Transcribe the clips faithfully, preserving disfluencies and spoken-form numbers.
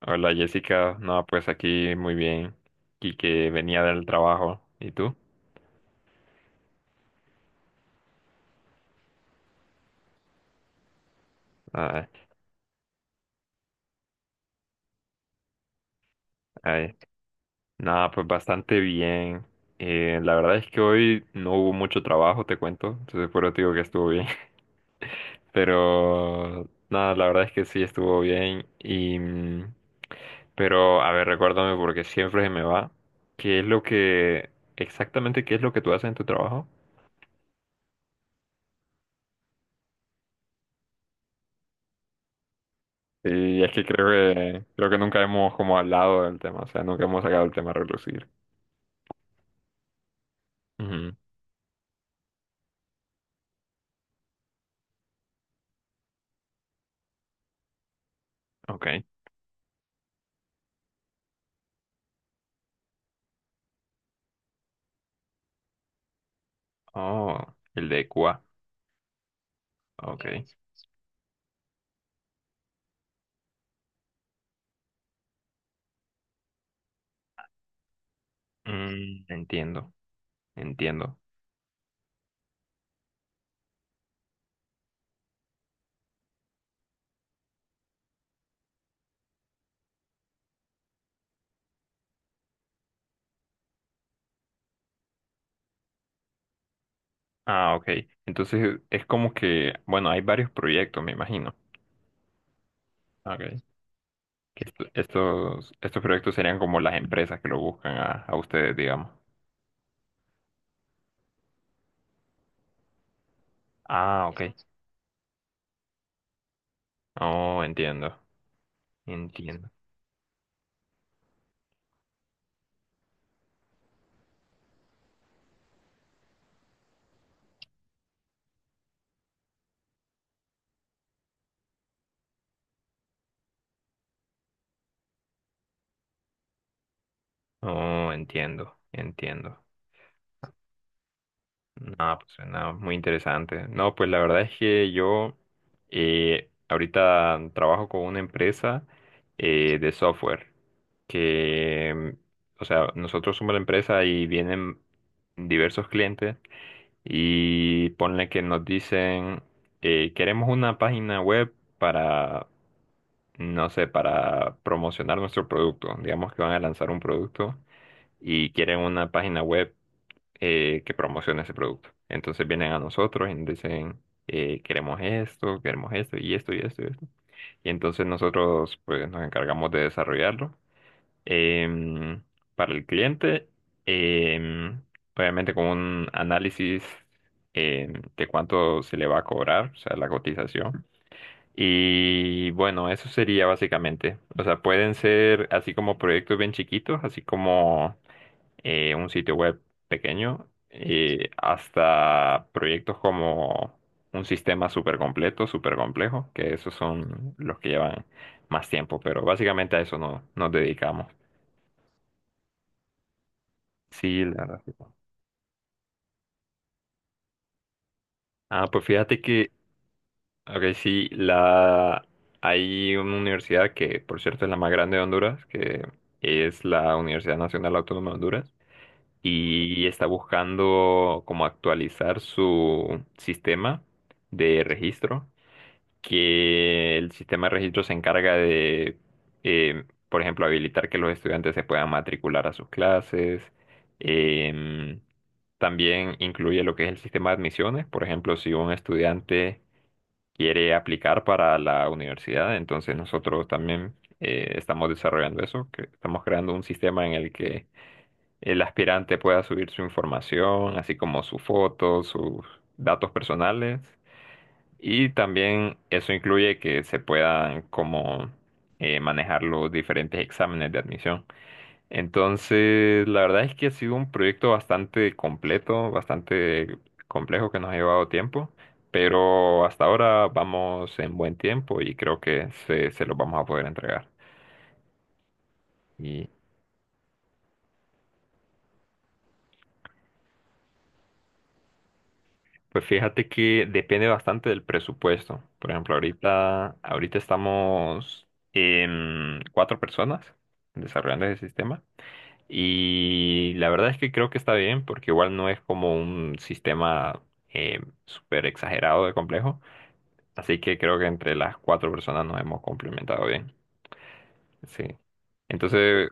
Hola Jessica, no, pues aquí muy bien. Y que venía del trabajo. ¿Y tú? Ay, ay. Nada, pues bastante bien. Eh, la verdad es que hoy no hubo mucho trabajo, te cuento. Entonces por eso te digo que estuvo bien. Pero nada, la verdad es que sí estuvo bien. Y mm, pero a ver, recuérdame porque siempre se me va. ¿Qué es lo que exactamente qué es lo que tú haces en tu trabajo? Y es que creo que creo que nunca hemos como hablado del tema, o sea, nunca hemos sacado el tema a relucir. Ujú. Ok. Oh, el de Cuba. Ok. Mm, entiendo, entiendo. Ah, ok. Entonces es como que, bueno, hay varios proyectos, me imagino. Ok. Que esto- estos, estos proyectos serían como las empresas que lo buscan a, a ustedes, digamos. Ah, ok. Oh, entiendo, entiendo. Oh, entiendo, entiendo. No, pues suena muy interesante. No, pues la verdad es que yo eh, ahorita trabajo con una empresa eh, de software que, mm, o sea, nosotros somos la empresa y vienen diversos clientes y ponle que nos dicen, eh, queremos una página web para, no sé, para promocionar nuestro producto. Digamos que van a lanzar un producto y quieren una página web eh, que promociona ese producto. Entonces vienen a nosotros y nos dicen, eh, queremos esto, queremos esto y esto y esto y esto. Y entonces nosotros pues nos encargamos de desarrollarlo, em, para el cliente, em, obviamente con un análisis em, de cuánto se le va a cobrar, o sea, la cotización. Y bueno, eso sería básicamente. O sea, pueden ser así como proyectos bien chiquitos, así como eh, un sitio web pequeño, eh, hasta proyectos como un sistema súper completo, súper complejo, que esos son los que llevan más tiempo, pero básicamente a eso no, nos dedicamos. Sí, la verdad. Sí. Ah, pues fíjate que, ok, sí, la, hay una universidad que, por cierto, es la más grande de Honduras, que es la Universidad Nacional Autónoma de Honduras, y está buscando como actualizar su sistema de registro, que el sistema de registro se encarga de, eh, por ejemplo, habilitar que los estudiantes se puedan matricular a sus clases. Em, También incluye lo que es el sistema de admisiones. Por ejemplo, si un estudiante quiere aplicar para la universidad, entonces nosotros también eh, estamos desarrollando eso, que estamos creando un sistema en el que el aspirante pueda subir su información, así como su foto, sus datos personales, y también eso incluye que se puedan como eh, manejar los diferentes exámenes de admisión. Entonces, la verdad es que ha sido un proyecto bastante completo, bastante complejo que nos ha llevado tiempo, pero hasta ahora vamos en buen tiempo y creo que se, se los vamos a poder entregar. Y pues fíjate que depende bastante del presupuesto. Por ejemplo, ahorita, ahorita estamos en cuatro personas desarrollando ese sistema. Y la verdad es que creo que está bien, porque igual no es como un sistema eh, súper exagerado de complejo. Así que creo que entre las cuatro personas nos hemos complementado bien. Sí. Entonces,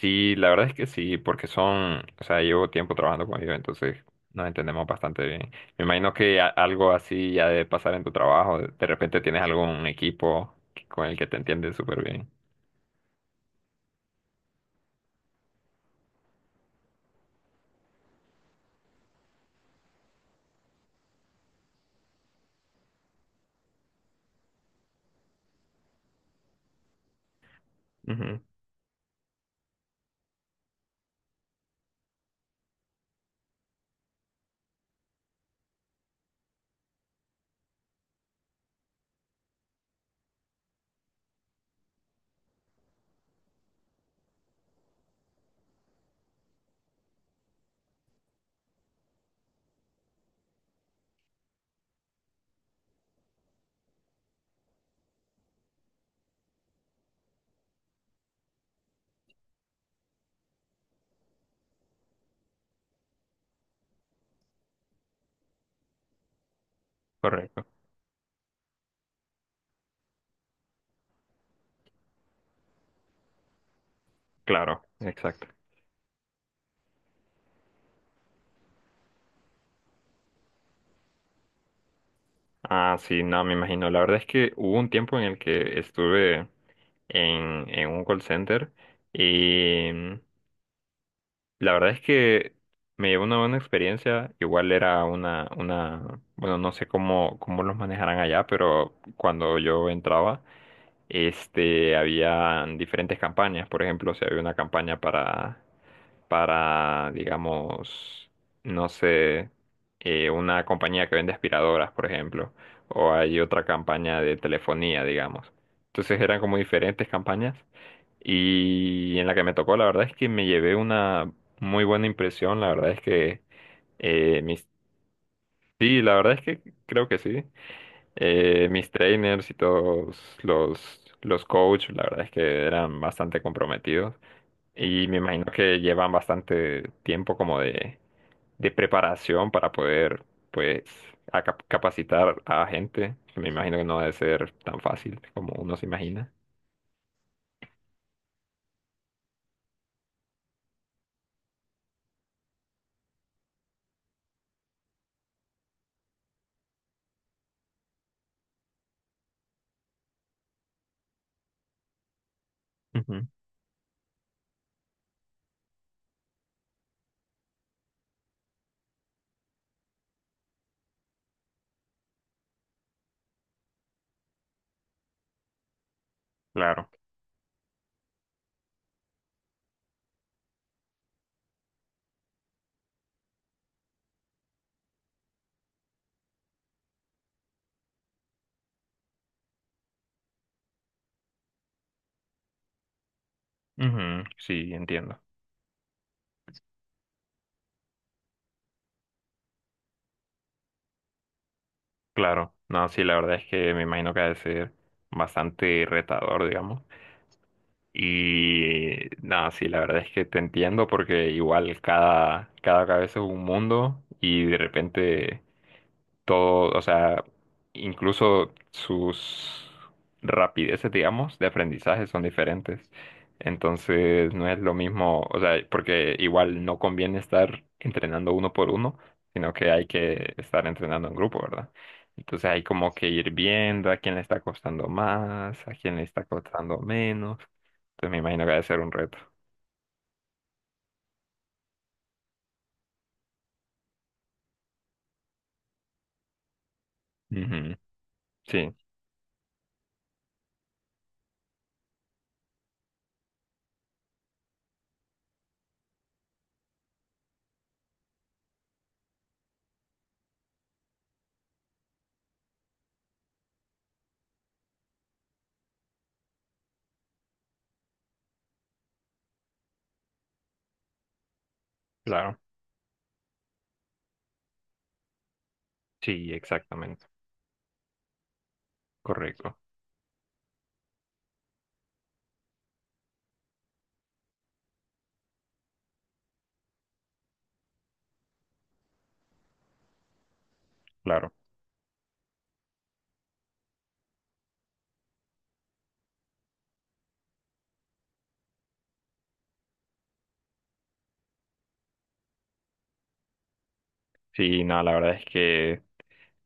sí, la verdad es que sí, porque son, o sea, llevo tiempo trabajando con ellos, entonces nos entendemos bastante bien. Me imagino que a- algo así ya debe pasar en tu trabajo. De de repente tienes algún equipo que- con el que te entiendes súper bien. Ujú. Correcto, claro, exacto. Ah, sí, no, me imagino. La verdad es que hubo un tiempo en el que estuve en, en un call center y mm, la verdad es que me llevó una buena experiencia. Igual era una, una, bueno, no sé cómo, cómo los manejarán allá, pero cuando yo entraba, este, había diferentes campañas. Por ejemplo, si había una campaña para para, digamos, no sé, eh, una compañía que vende aspiradoras, por ejemplo, o hay otra campaña de telefonía, digamos. Entonces eran como diferentes campañas y en la que me tocó, la verdad es que me llevé una muy buena impresión, la verdad es que eh, mis... Sí, la verdad es que creo que sí. Eh, mis trainers y todos los, los coaches, la verdad es que eran bastante comprometidos. Y me imagino que llevan bastante tiempo como de de preparación para poder, pues, a cap- capacitar a gente. Me imagino que no debe ser tan fácil como uno se imagina. Ujú. Claro. Ujú. Sí, entiendo. Claro. No, sí, la verdad es que me imagino que ha de ser bastante retador, digamos. Y no, sí, la verdad es que te entiendo porque igual cada, cada cabeza es un mundo y de repente todo, o sea, incluso sus rapideces, digamos, de aprendizaje son diferentes. Entonces, no es lo mismo, o sea, porque igual no conviene estar entrenando uno por uno, sino que hay que estar entrenando en grupo, ¿verdad? Entonces hay como que ir viendo a quién le está costando más, a quién le está costando menos. Entonces me imagino que debe ser un reto. Ujú. Sí, claro. Sí, exactamente. Correcto. Claro. Sí, no, la verdad es que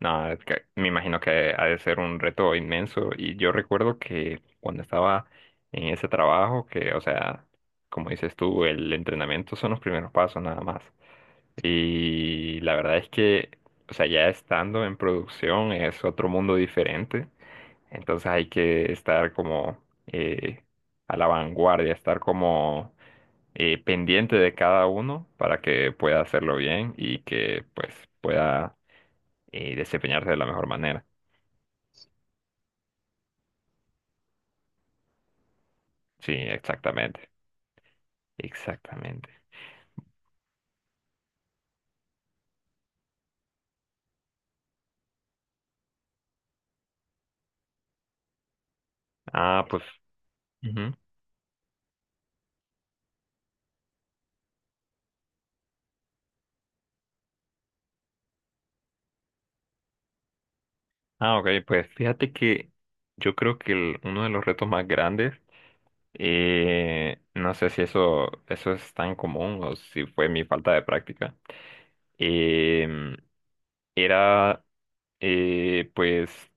nada, es que me imagino que ha de ser un reto inmenso. Y yo recuerdo que cuando estaba en ese trabajo, que, o sea, como dices tú, el entrenamiento son los primeros pasos nada más. Y la verdad es que, o sea, ya estando en producción es otro mundo diferente. Entonces hay que estar como eh, a la vanguardia, estar como eh, pendiente de cada uno para que pueda hacerlo bien y que pues pueda eh, desempeñarse de la mejor manera. Sí, exactamente, exactamente. Ah, pues, ujú. Ah, ok, pues fíjate que yo creo que el- uno de los retos más grandes, eh, no sé si eso, eso es tan común o si fue mi falta de práctica, em, era eh, pues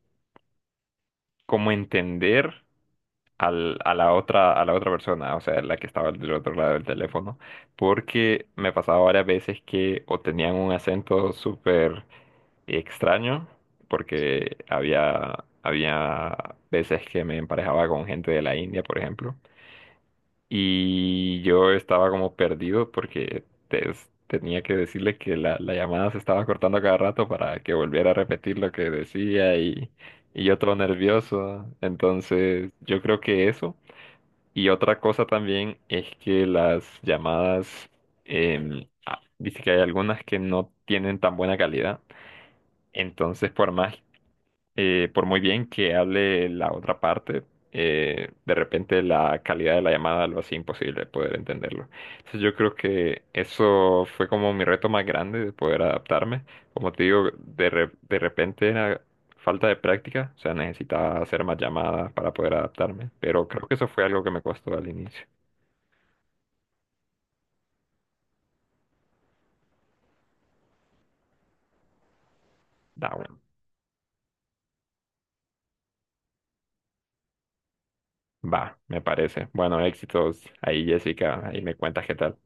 cómo entender al, a la otra, a la otra persona, o sea, la que estaba del otro lado del teléfono, porque me pasaba varias veces que o tenían un acento súper y extraño, porque había, había veces que me emparejaba con gente de la India, por ejemplo, y yo estaba como perdido porque te- tenía que decirle que la, la llamada se estaba cortando cada rato para que volviera a repetir lo que decía y, y yo todo nervioso. Entonces, yo creo que eso. Y otra cosa también es que las llamadas, em, ah, dice que hay algunas que no tienen tan buena calidad. Entonces, por más eh, por muy bien que hable la otra parte, eh, de repente la calidad de la llamada lo hacía imposible poder entenderlo. Entonces yo creo que eso fue como mi reto más grande de poder adaptarme. Como te digo, de, re- de repente era falta de práctica, o sea, necesitaba hacer más llamadas para poder adaptarme, pero creo que eso fue algo que me costó al inicio. Da, bueno, va, me parece. Bueno, éxitos ahí, Jessica, ahí me cuentas qué tal.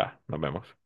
Va, nos vemos.